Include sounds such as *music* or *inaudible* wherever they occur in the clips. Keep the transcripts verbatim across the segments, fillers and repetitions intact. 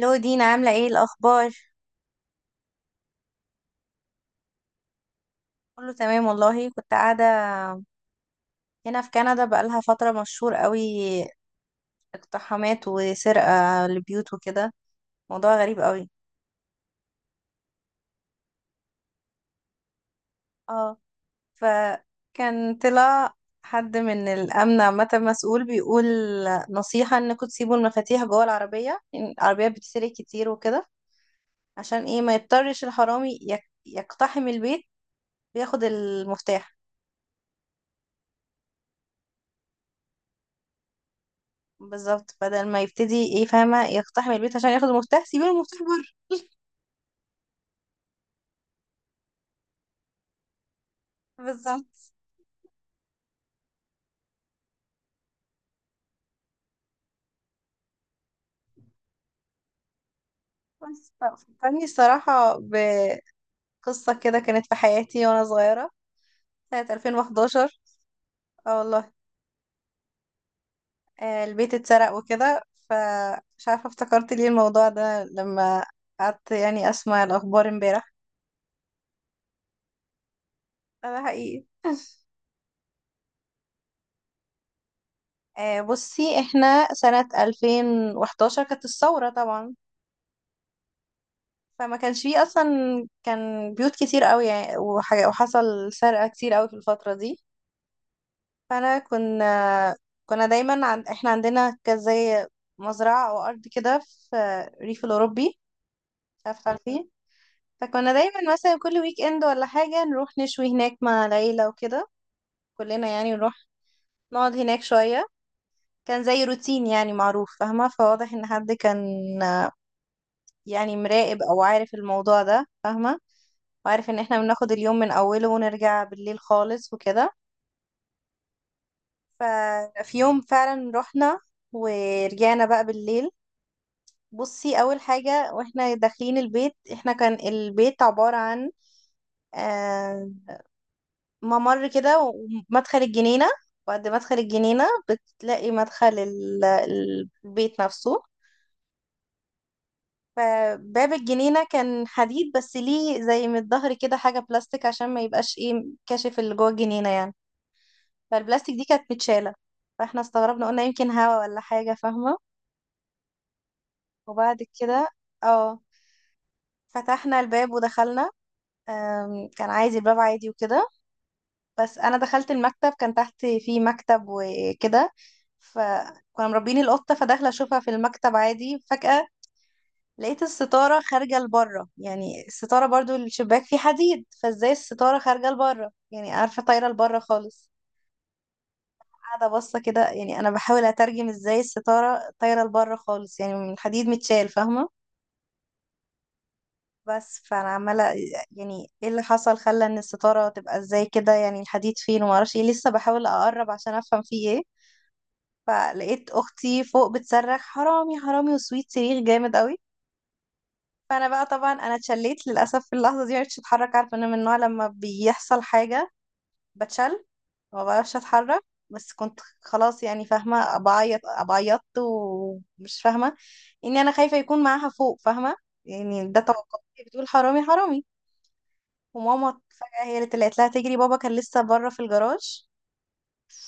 لو دينا عاملة ايه الأخبار؟ كله تمام والله كنت قاعدة هنا في كندا بقالها فترة مشهور قوي، اقتحامات وسرقة لبيوت وكده. موضوع غريب قوي. اه، فكان طلع حد من الأمن عامة مسؤول بيقول نصيحة انكم تسيبوا المفاتيح جوه العربية، إن العربية بتسرق كتير وكده، عشان ايه ما يضطرش الحرامي يق- يقتحم البيت وياخد المفتاح. بالظبط، بدل ما يبتدي ايه فاهمة يقتحم البيت عشان ياخد المفتاح سيبوا المفتاح. بالظبط. بس فكرني الصراحة بقصة كده كانت في حياتي وأنا صغيرة، سنة ألفين وحداشر. اه والله. آه، البيت اتسرق وكده. فمش عارفة افتكرت ليه الموضوع ده لما قعدت يعني أسمع الأخبار امبارح. آه، ده حقيقي. آه، بصي احنا سنة ألفين وحداشر كانت الثورة طبعا. فما كانش فيه أصلا، كان بيوت كتير قوي يعني وحاجة، وحصل سرقة كتير قوي في الفترة دي. فانا كنا كنا دايما عن... احنا عندنا كان زي مزرعه او ارض كده في الريف الاوروبي، مش عارفه عارفين. فكنا دايما مثلا كل ويك اند ولا حاجه نروح نشوي هناك مع العيله وكده، كلنا يعني نروح نقعد هناك شويه. كان زي روتين يعني معروف فاهمه، فواضح ان حد كان، آه، يعني مراقب او عارف الموضوع ده فاهمه، وعارف ان احنا بناخد اليوم من اوله ونرجع بالليل خالص وكده. ففي يوم فعلا رحنا ورجعنا بقى بالليل. بصي اول حاجه واحنا داخلين البيت، احنا كان البيت عباره عن آه، ممر كده ومدخل الجنينه، بعد مدخل الجنينه بتلاقي مدخل ال- ال- البيت نفسه. فباب الجنينه كان حديد بس ليه زي من الظهر كده حاجه بلاستيك عشان ما يبقاش ايه كاشف اللي جوه الجنينه يعني. فالبلاستيك دي كانت متشاله، فاحنا استغربنا قلنا يمكن هوا ولا حاجه فاهمه. وبعد كده اه فتحنا الباب ودخلنا. آم، كان عايز الباب عادي وكده. بس انا دخلت المكتب كان تحت فيه مكتب وكده، فكنا مربيين القطه فداخله اشوفها في المكتب عادي. فجاه لقيت الستاره خارجه لبره، يعني الستاره برضو الشباك فيه حديد فازاي الستاره خارجه لبره، يعني عارفه طايره لبره خالص. قاعده باصه كده يعني انا بحاول اترجم ازاي الستاره طايره لبره خالص يعني من الحديد متشال فاهمه. بس فانا عماله يعني ايه اللي حصل خلى ان الستاره تبقى ازاي كده يعني الحديد فين وما اعرفش ايه لسه بحاول اقرب عشان افهم فيه ايه. فلقيت اختي فوق بتصرخ حرامي حرامي وسويت صريخ جامد قوي. فانا بقى طبعا انا اتشليت للاسف في اللحظه دي معرفتش اتحرك، عارفه انا من النوع لما بيحصل حاجه بتشل ما بعرفش اتحرك. بس كنت خلاص يعني فاهمه بعيط، بعيطت ومش فاهمه اني انا خايفه يكون معاها فوق فاهمه، يعني ده توقعي. بتقول حرامي حرامي، وماما فجاه هي اللي طلعت لها تجري، بابا كان لسه بره في الجراج.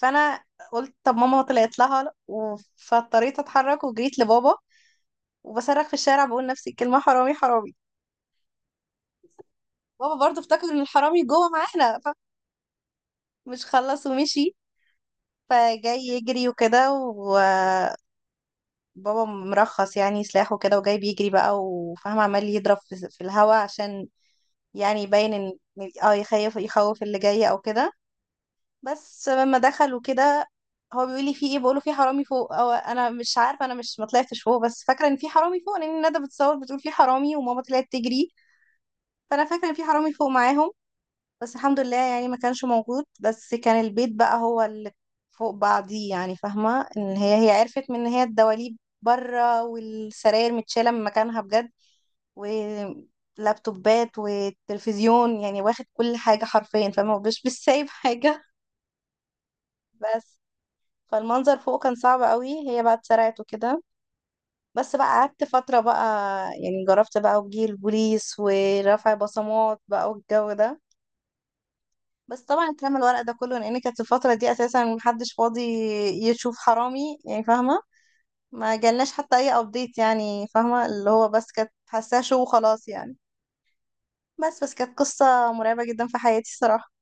فانا قلت طب ماما طلعت لها و- فاضطريت اتحرك وجريت لبابا وبصرخ في الشارع بقول نفس الكلمة حرامي حرامي. بابا برضه افتكر ان الحرامي جوه معانا فمش خلص ومشي، فجاي يجري وكده وبابا مرخص يعني سلاحه كده وجاي بيجري بقى وفاهم عمال يضرب في في الهوا عشان يعني يبين ان إن- اه يخيف يخوف اللي جاي او كده. بس لما دخلوا كده هو بيقول لي في ايه، بقوله في حرامي فوق، او انا مش عارفه، انا مش ما طلعتش فوق بس فاكره ان في حرامي فوق لان ندى بتصور بتقول في حرامي وماما طلعت تجري، فانا فاكره ان في حرامي فوق معاهم. بس الحمد لله يعني ما كانش موجود، بس كان البيت بقى هو اللي فوق بعضيه يعني فاهمة ان هي هي عرفت من ان هي الدواليب بره والسراير متشالة من مكانها بجد ولابتوبات والتلفزيون يعني واخد كل حاجة حرفيا فاهمة مش مش سايب حاجة. *laughs* بس فالمنظر فوق كان صعب قوي، هي بقى اتسرعت وكده. بس بقى قعدت فترة بقى، يعني جربت بقى وجي البوليس ورفع بصمات بقى والجو ده. بس طبعا اترمى الورق ده كله لان كانت الفتره دي اساسا محدش فاضي يشوف حرامي يعني فاهمه. ما جالناش حتى اي ابديت يعني فاهمه اللي هو بس كانت حاساه شو وخلاص يعني. بس بس كانت قصه مرعبه جدا في حياتي الصراحه.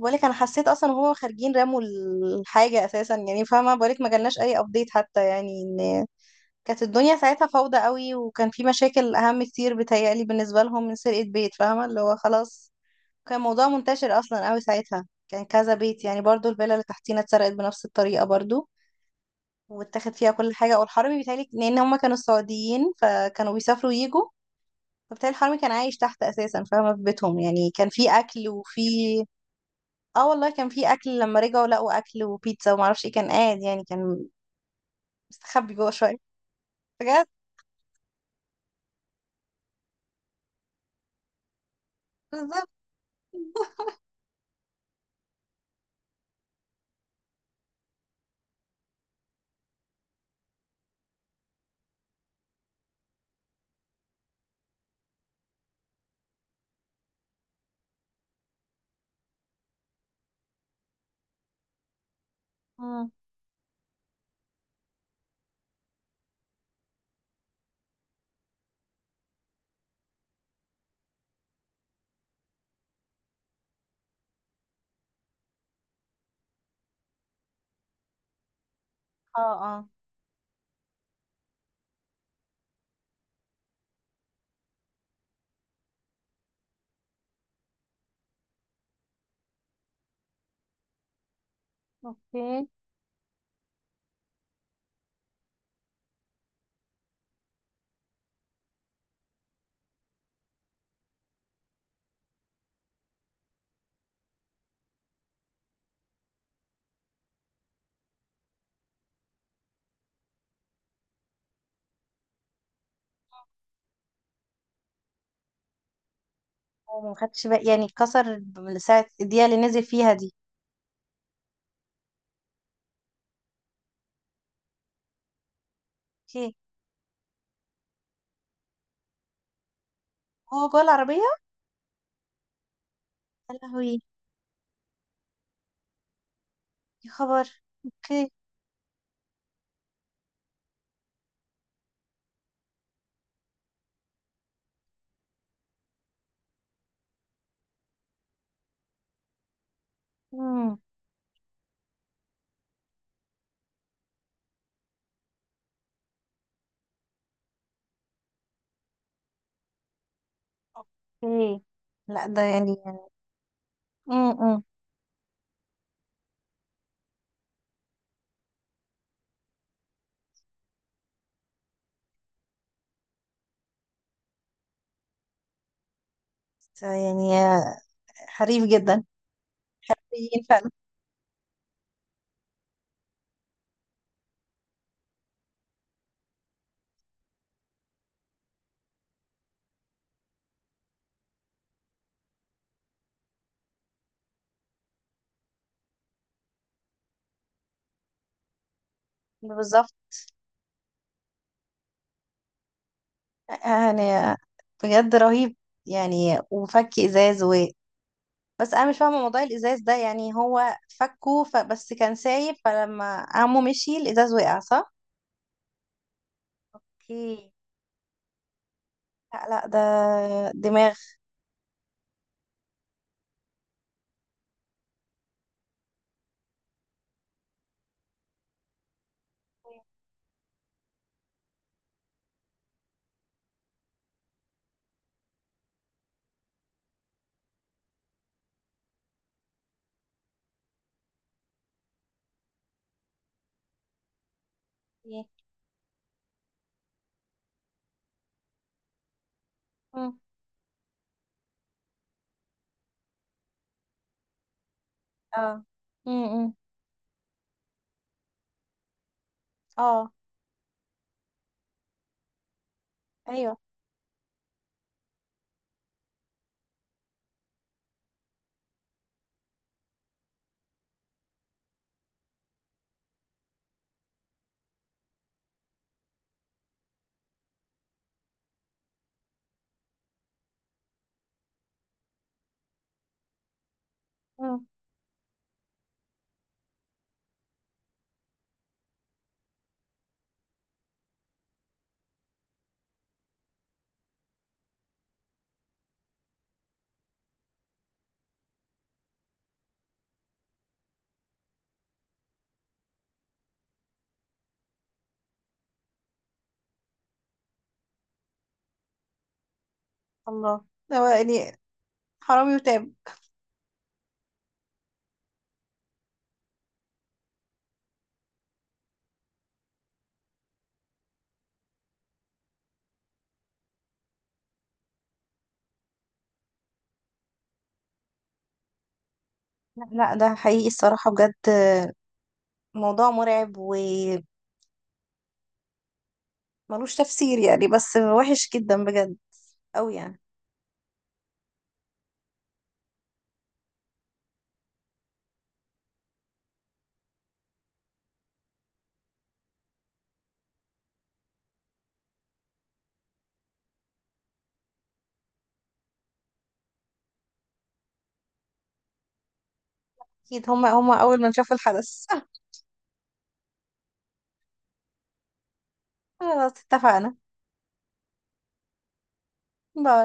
بقولك انا حسيت اصلا وهما خارجين رموا الحاجه اساسا يعني فاهمه. بقولك ما جالناش اي ابديت حتى يعني ان كانت الدنيا ساعتها فوضى قوي، وكان في مشاكل اهم كتير بتهيألي بالنسبه لهم من سرقه بيت فاهمه اللي هو خلاص. كان موضوع منتشر اصلا قوي ساعتها، كان كذا بيت يعني برضو، الفيلا اللي تحتينا اتسرقت بنفس الطريقه برضو واتاخد فيها كل حاجه. والحرامي بيتهيألي لان هما كانوا السعوديين فكانوا بيسافروا ويجوا، فبالتالي الحرامي كان عايش تحت اساسا فاهمه في بيتهم يعني كان في اكل وفي، اه والله كان في اكل لما رجعوا لقوا اكل وبيتزا وما اعرفش ايه، كان قاعد يعني كان مستخبي جوه شويه بجد. بالظبط. مم. اه، اه، اوكي. وما خدتش بالي يعني كسر من ساعه الدقيقه اللي نزل فيها دي. اوكي، هو جوه العربيه. يا لهوي يا خبر، اوكي. امم. اوكي. لا ده يعني يعني امم. ده يعني آه، حريف جدا. حرفيين فعلا. بالظبط. آه، يعني آه، بجد رهيب. يعني وفك ازاز، و بس انا مش فاهمه موضوع الازاز ده، يعني هو فكه ف... بس كان سايب، فلما عمو مشي الازاز وقع صح؟ اوكي. لا لا ده دماغ. أوكي. مم. اه. امم. اه. ايوه. مم. الله. هو يعني حرامي وتاب. لا لا ده حقيقي الصراحة بجد. موضوع مرعب وملوش تفسير يعني، بس وحش جدا بجد، أوي يعني. أكيد هما هما أول ما شافوا الحدث. *laughs* خلاص اتفقنا. باي.